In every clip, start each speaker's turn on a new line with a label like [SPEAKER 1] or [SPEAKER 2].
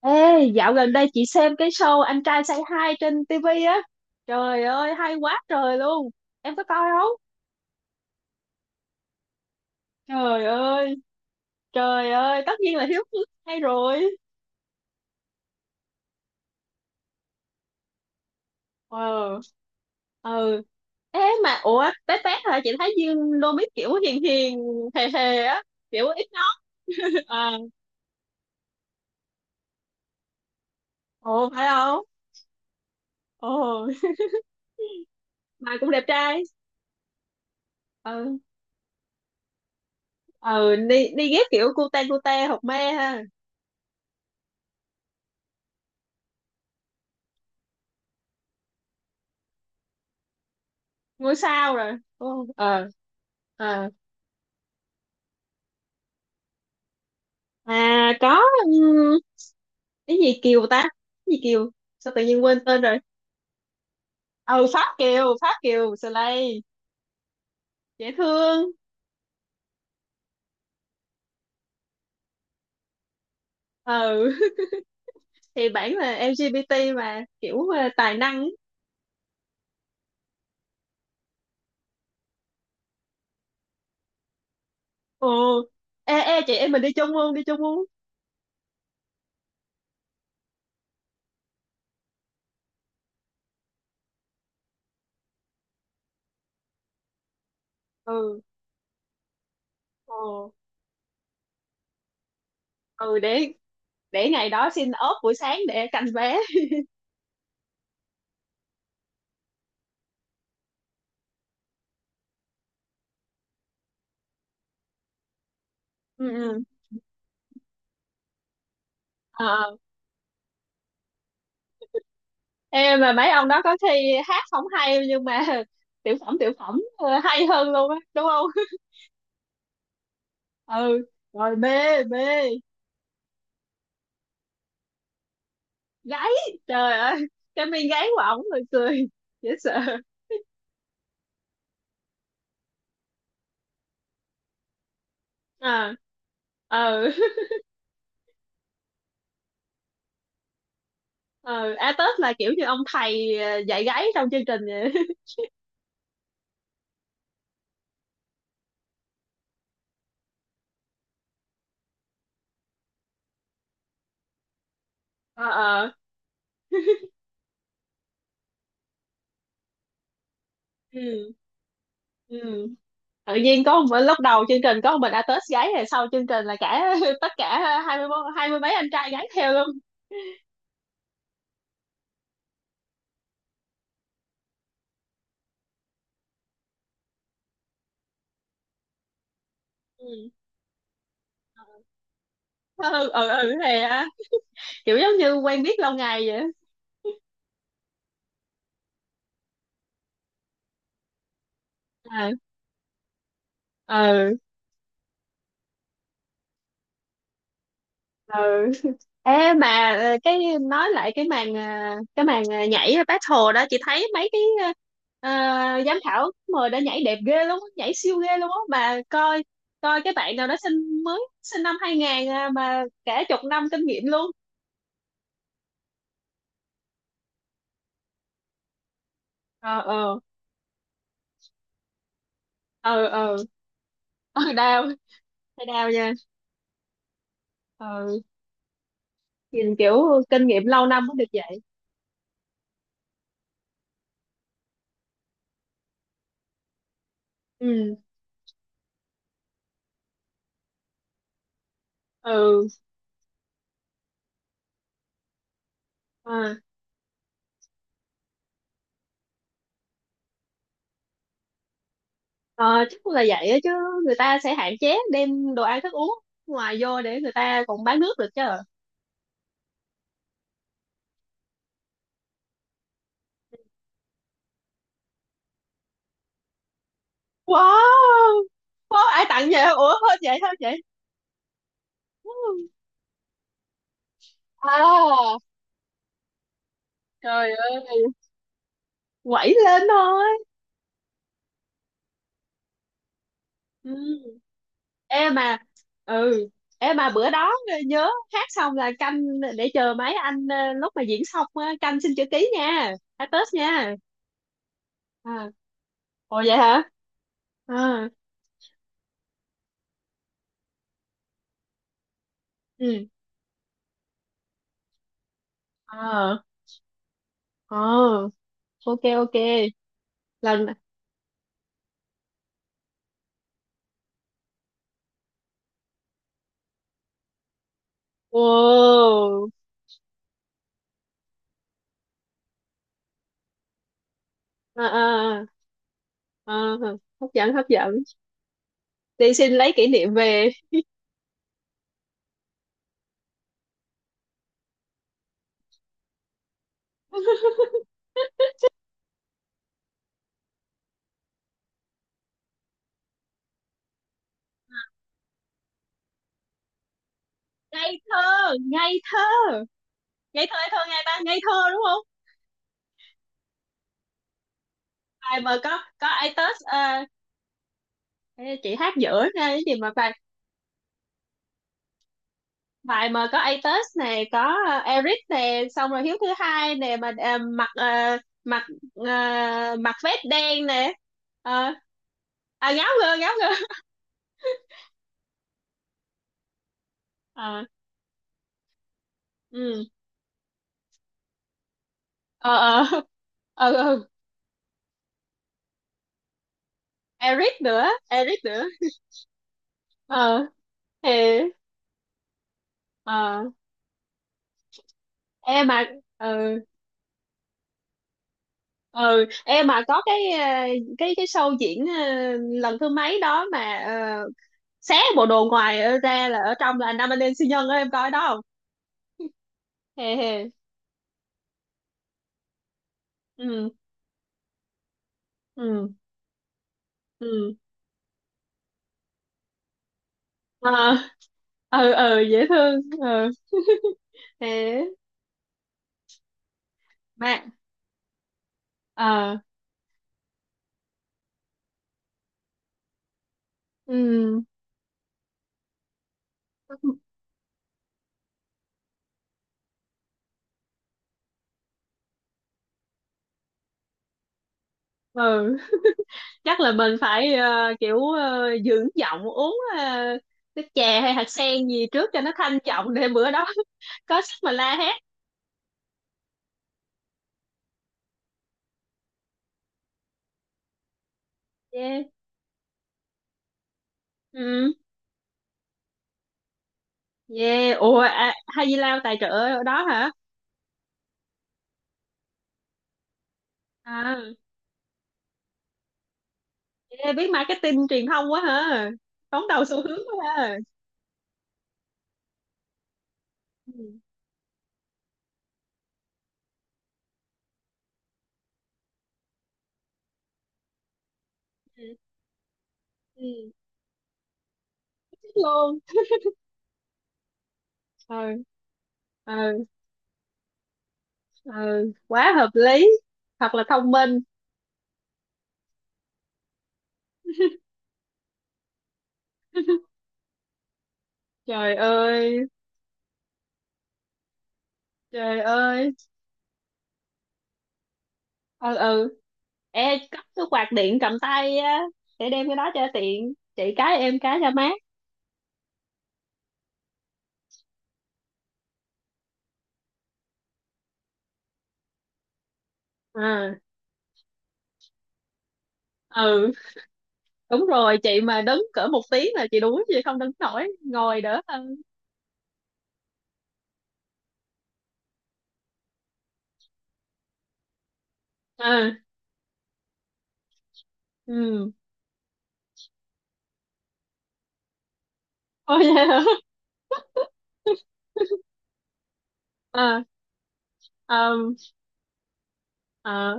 [SPEAKER 1] Ê, dạo gần đây chị xem cái show Anh trai Say Hi trên TV á. Trời ơi, hay quá trời luôn. Em có coi không? Trời ơi, trời ơi, tất nhiên là Hiếu Phước hay rồi. Ờ, ừ. Ê mà, ủa, té té hả? Chị thấy Dương Đô Mít kiểu hiền hiền, hề hề á. Kiểu ít nói. À, ồ, phải không? Ồ, mà cũng đẹp trai. Ừ, ừ, đi ghép kiểu cute cute, hột me ha. Ngôi sao rồi. Ồ, ờ. Ờ. À, có ừm, cái gì Kiều ta? Cái gì Kiều? Sao tự nhiên quên tên rồi? Ừ, Pháp Kiều, Pháp Kiều Slay, dễ thương. Ừ. Thì bản là LGBT mà kiểu tài năng. Ồ. Ê ê, chị em mình đi chung luôn, đi chung luôn. Ừ. Ồ. Ừ, để ngày đó xin ốp buổi sáng để canh vé. Ừ, ừ. Ờ. Ê mà mấy ông đó có thi hát không hay, nhưng mà tiểu phẩm hay hơn luôn á, đúng không? Ừ. Rồi mê mê. Gáy, trời ơi, cái mi gáy của ổng rồi cười dễ sợ. À, ờ, ờ. A tết là kiểu như ông thầy dạy gáy trong chương trình vậy. Ờ, ờ. Ừ, ừ, tự nhiên có một lúc đầu chương trình có một mình a tết gáy, rồi sau chương trình là cả tất cả hai mươi mấy anh trai gáy theo luôn. Ừ, ừ, ừ. Ừ, thì à, kiểu giống như quen biết lâu ngày vậy. À, ừ, ừ. Ê mà cái nói lại cái màn nhảy battle đó, chị thấy mấy cái ờ, giám khảo mời đã nhảy đẹp ghê luôn á, nhảy siêu ghê luôn á. Mà coi coi cái bạn nào đó sinh, mới sinh năm 2000 à, mà cả chục năm kinh nghiệm luôn. Ờ, ờ, ờ, ờ, ờ, đau, thấy đau nha. Ờ. Nhìn kiểu kinh nghiệm lâu năm mới được vậy. Ừ, ừ. Ờ. Ờ, chắc là vậy á, chứ người ta sẽ hạn chế đem đồ ăn thức uống ngoài vô để người ta còn bán nước được chứ. Wow. Wow, ai tặng vậy? Ủa, hết vậy thôi chị? À, trời ơi, quẩy lên thôi. Ừ. Em mà, ừ, em mà bữa đó nhớ hát xong là canh, để chờ mấy anh lúc mà diễn xong á, canh xin chữ ký nha. Hát Tết nha. À, ồ, vậy hả? À. Ừ. À. Ờ. Ok, ok. Lần. Wow. À, à, à, hấp dẫn hấp dẫn, đi xin lấy kỷ niệm về. Ngây thơ, ngây thơ, ngây thơ, ngây thơ, ngây ta, ngây thơ, đúng không? Bài mà có Atos, chị hát giữa ra cái gì mà bài, bài mà có Atos này, có Eric nè, xong rồi Hiếu thứ hai nè, mà mặc ờ, mặc vest đen nè. Ờ. À, ngáo ngơ, ngáo ngơ. Ờ, ừ, ờ, ờ, ờ, ờ. Eric nữa, Eric nữa. ờ thì ờ em mà, ừ, ừ, em mà có cái cái show diễn lần thứ mấy đó mà uh, xé bộ đồ ngoài ở ra là ở trong là anh nam anh em siêu nhân á, em coi đó không? Hề hề. Ừ, ừ, ừ. Ờ, ừ, ừ, dễ thương. Ừ, thế mà. Ờ, ừ, ừ, chắc là mình phải kiểu dưỡng giọng uống nước chè hay hạt sen gì trước cho nó thanh trọng, để bữa đó có sức mà la hét. Yeah. Ừ. Yeah, ủa, à, hay gì lao tài trợ ở đó hả? À, yeah, biết marketing truyền thông quá hả? Đón đầu xu hướng quá ha. Ừ, ừ, ừ, thích luôn. Ừ, ừ, ừ, quá hợp lý. Thật là thông minh. Trời ơi, trời ơi. Ừ, ừ. Ê, cất cái quạt điện cầm tay á, để đem cái đó cho tiện. Chị cái, em cái, cho mát. À, ừ, đúng rồi. Chị mà đứng cỡ một tiếng là chị đuối, chị không đứng nổi. Ngồi đỡ hơn. À, ừ. Ôi, vậy hả? À, um, à,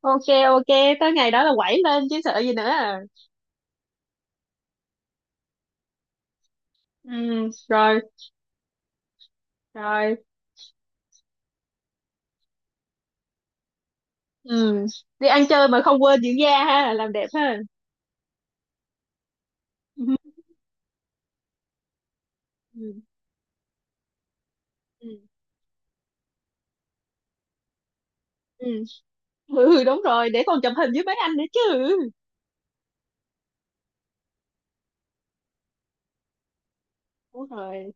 [SPEAKER 1] ok, ok, tới ngày đó là quẩy lên chứ sợ gì nữa, à. Ừ, rồi, rồi. Ừ. Đi ăn chơi mà không quên dưỡng da ha, làm đẹp ha. Ừ. Ừ, ừ. Ừ. Ừ, đúng rồi, để còn chụp hình với mấy anh nữa chứ. Đúng rồi.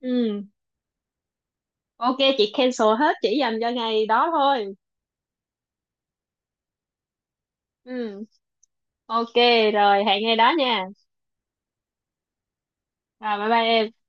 [SPEAKER 1] Ừ. Ok, chị cancel hết, chỉ dành cho ngày đó thôi. Ừ. Ok. Rồi, hẹn ngày đó nha. Rồi, bye bye em.